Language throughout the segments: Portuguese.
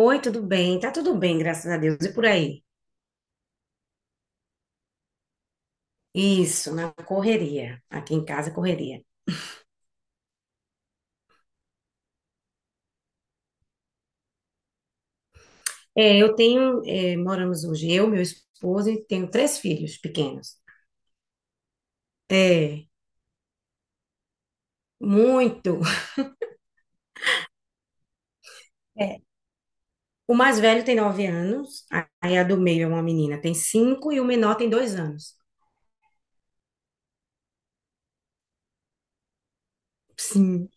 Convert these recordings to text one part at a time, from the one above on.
Oi, tudo bem? Tá tudo bem, graças a Deus. E por aí? Isso, na correria. Aqui em casa, correria. É, eu tenho, moramos hoje, eu, meu esposo, e tenho três filhos pequenos. É, muito. É, o mais velho tem 9 anos, aí a do meio é uma menina, tem 5, e o menor tem 2 anos. Sim,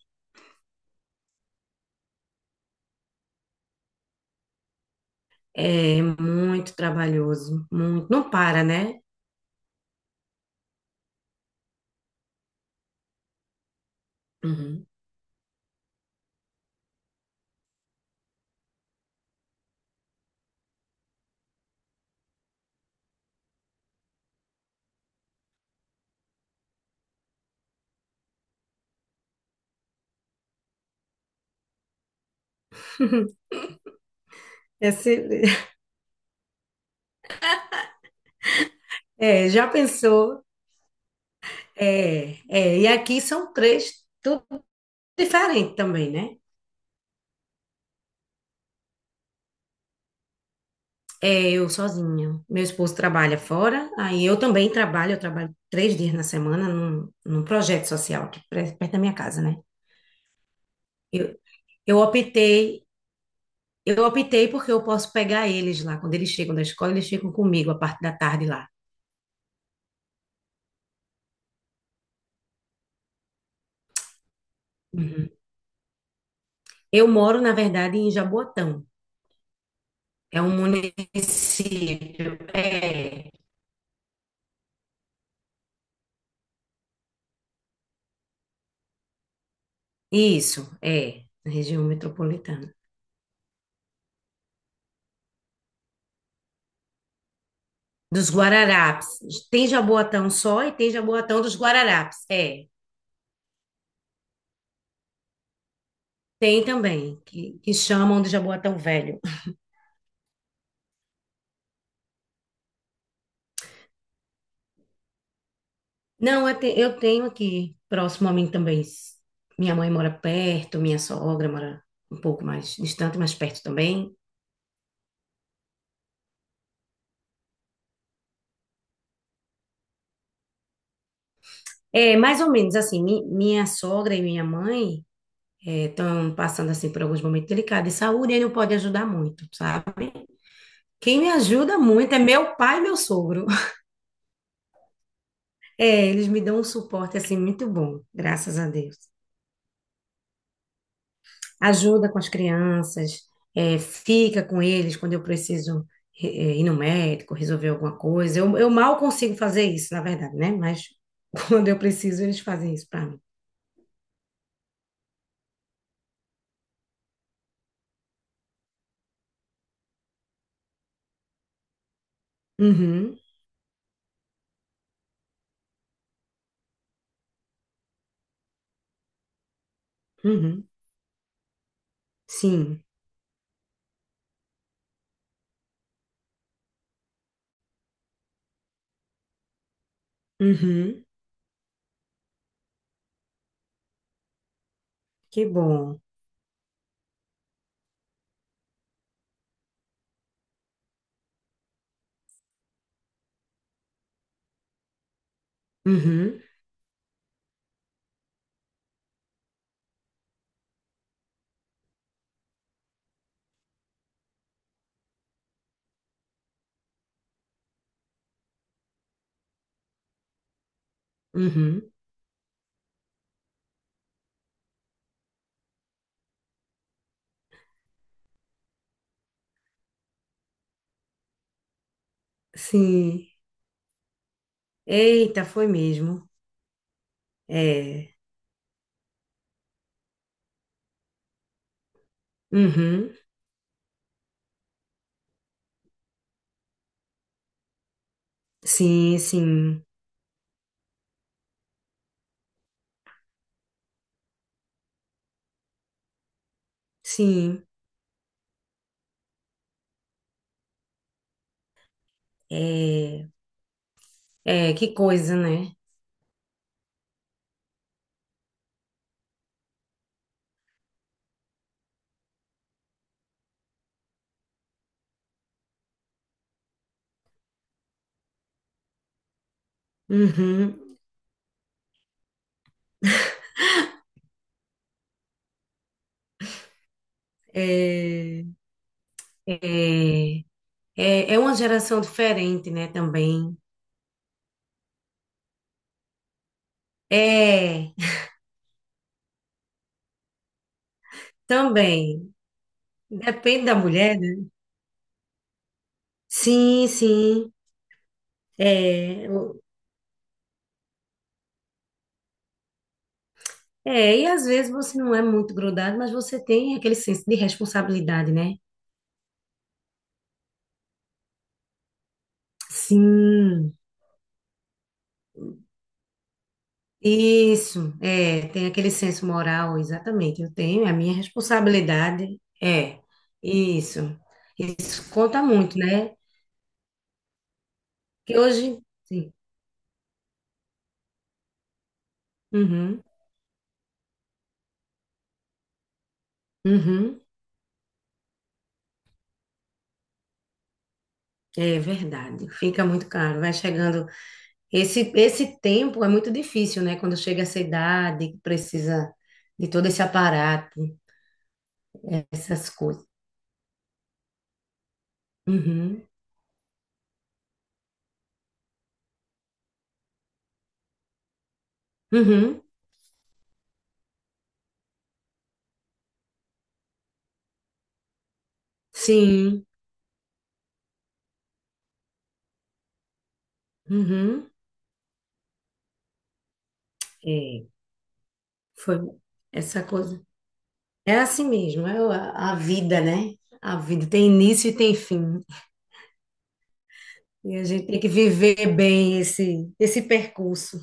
é muito trabalhoso, muito. Não para, né? Uhum. Esse- É, já pensou? É, é, e aqui são três. Diferente também, né? É, eu sozinha. Meu esposo trabalha fora, aí eu também trabalho, eu trabalho 3 dias na semana num projeto social aqui perto da minha casa, né? Eu, eu optei, eu optei porque eu posso pegar eles lá. Quando eles chegam da escola, eles ficam comigo a parte da tarde lá. Uhum. Eu moro, na verdade, em Jaboatão. É um município. É, isso, é, na região metropolitana. Dos Guararapes. Tem Jaboatão só e tem Jaboatão dos Guararapes. É, tem também, que chamam de Jaboatão velho. Não, eu, eu tenho aqui, próximo a mim também. Minha mãe mora perto, minha sogra mora um pouco mais distante, mas perto também. É, mais ou menos assim, minha sogra e minha mãe estão passando assim por alguns momentos delicados de saúde e não pode ajudar muito, sabe? Quem me ajuda muito é meu pai e meu sogro. É, eles me dão um suporte assim muito bom, graças a Deus. Ajuda com as crianças, é, fica com eles quando eu preciso, é, é, ir no médico, resolver alguma coisa. Eu mal consigo fazer isso, na verdade, né? Mas quando eu preciso, eles fazem isso para mim. Uhum, uhum, sim, uhum, que bom. Uhum, uhum, sim. Eita, foi mesmo. É, uhum, sim, sim, sim. É, é, que coisa, né? Uhum. É, é, é, é uma geração diferente, né, também. É, também. Depende da mulher, né? Sim, sim. É, é, e às vezes você não é muito grudado, mas você tem aquele senso de responsabilidade, né? Sim, isso. É, tem aquele senso moral, exatamente. Eu tenho, é a minha responsabilidade. É, isso. Isso conta muito, né? Que hoje, sim. Uhum. Uhum, é verdade, fica muito caro, vai chegando. Esse tempo é muito difícil, né? Quando chega essa idade, que precisa de todo esse aparato, essas coisas. Uhum, uhum, sim, uhum. É, foi essa coisa. É assim mesmo, é a vida, né? A vida tem início e tem fim. E a gente tem que viver bem esse percurso.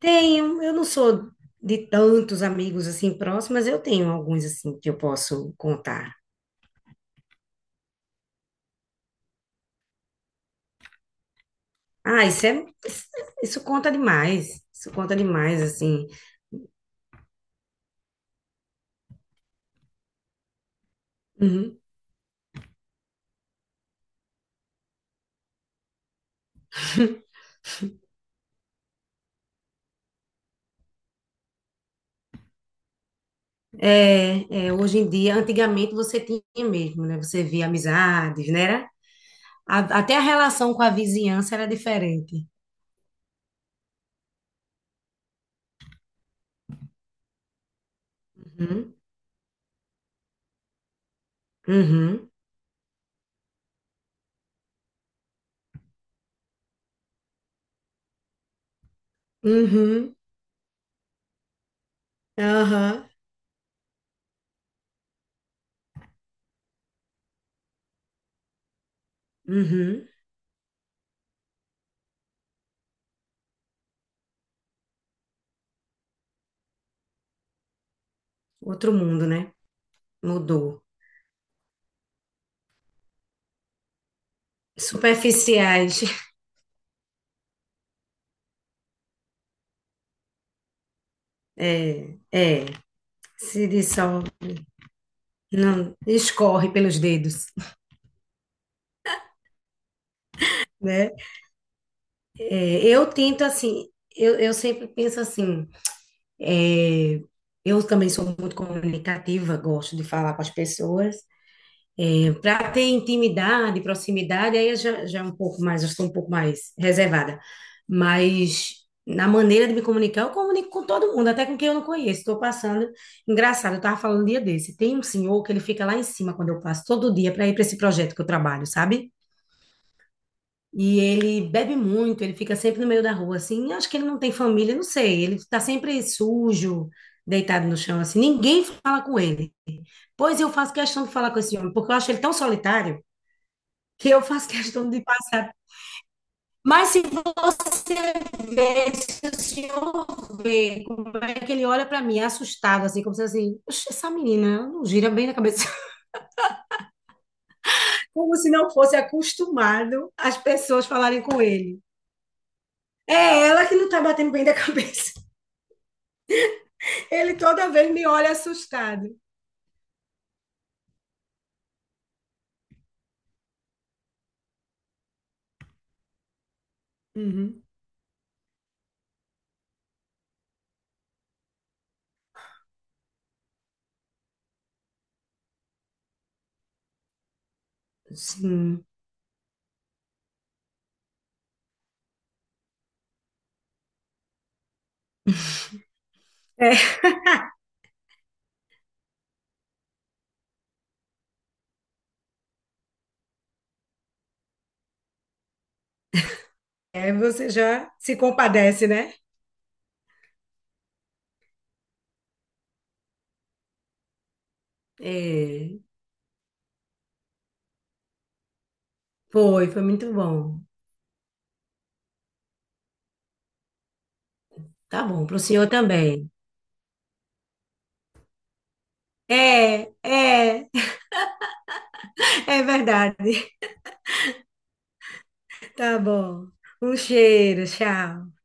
Tenho, eu não sou de tantos amigos assim próximos, mas eu tenho alguns assim que eu posso contar. Ah, isso é, isso conta demais. Isso conta demais, assim. Uhum. É, é, hoje em dia, antigamente você tinha mesmo, né? Você via amizades, né? Até a relação com a vizinhança era diferente. Uhum. Uhum. Uhum. Aham. Uhum. Outro mundo, né? Mudou. Superficiais. É, é. Se diz só. Não, escorre pelos dedos, né? É, eu tento assim, eu sempre penso assim, é, eu também sou muito comunicativa, gosto de falar com as pessoas, para ter intimidade, proximidade, aí eu já um pouco mais, eu sou um pouco mais reservada, mas na maneira de me comunicar, eu comunico com todo mundo, até com quem eu não conheço, estou passando, engraçado, eu estava falando um dia desse, tem um senhor que ele fica lá em cima quando eu passo, todo dia, para ir para esse projeto que eu trabalho, sabe? E ele bebe muito, ele fica sempre no meio da rua, assim. Acho que ele não tem família, não sei. Ele tá sempre sujo, deitado no chão, assim. Ninguém fala com ele. Pois eu faço questão de falar com esse homem, porque eu acho ele tão solitário que eu faço questão de passar. Mas se você vê, se o senhor vê como é que ele olha para mim, assustado, assim, como se assim, "Oxe, essa menina ela não gira bem na cabeça." Como se não fosse acostumado as pessoas falarem com ele. É ela que não tá batendo bem da cabeça. Ele toda vez me olha assustado. Uhum. Sim. É, você já se compadece, né? É, foi, foi muito bom. Tá bom, pro senhor também. É, é, é verdade. Tá bom. Um cheiro, tchau.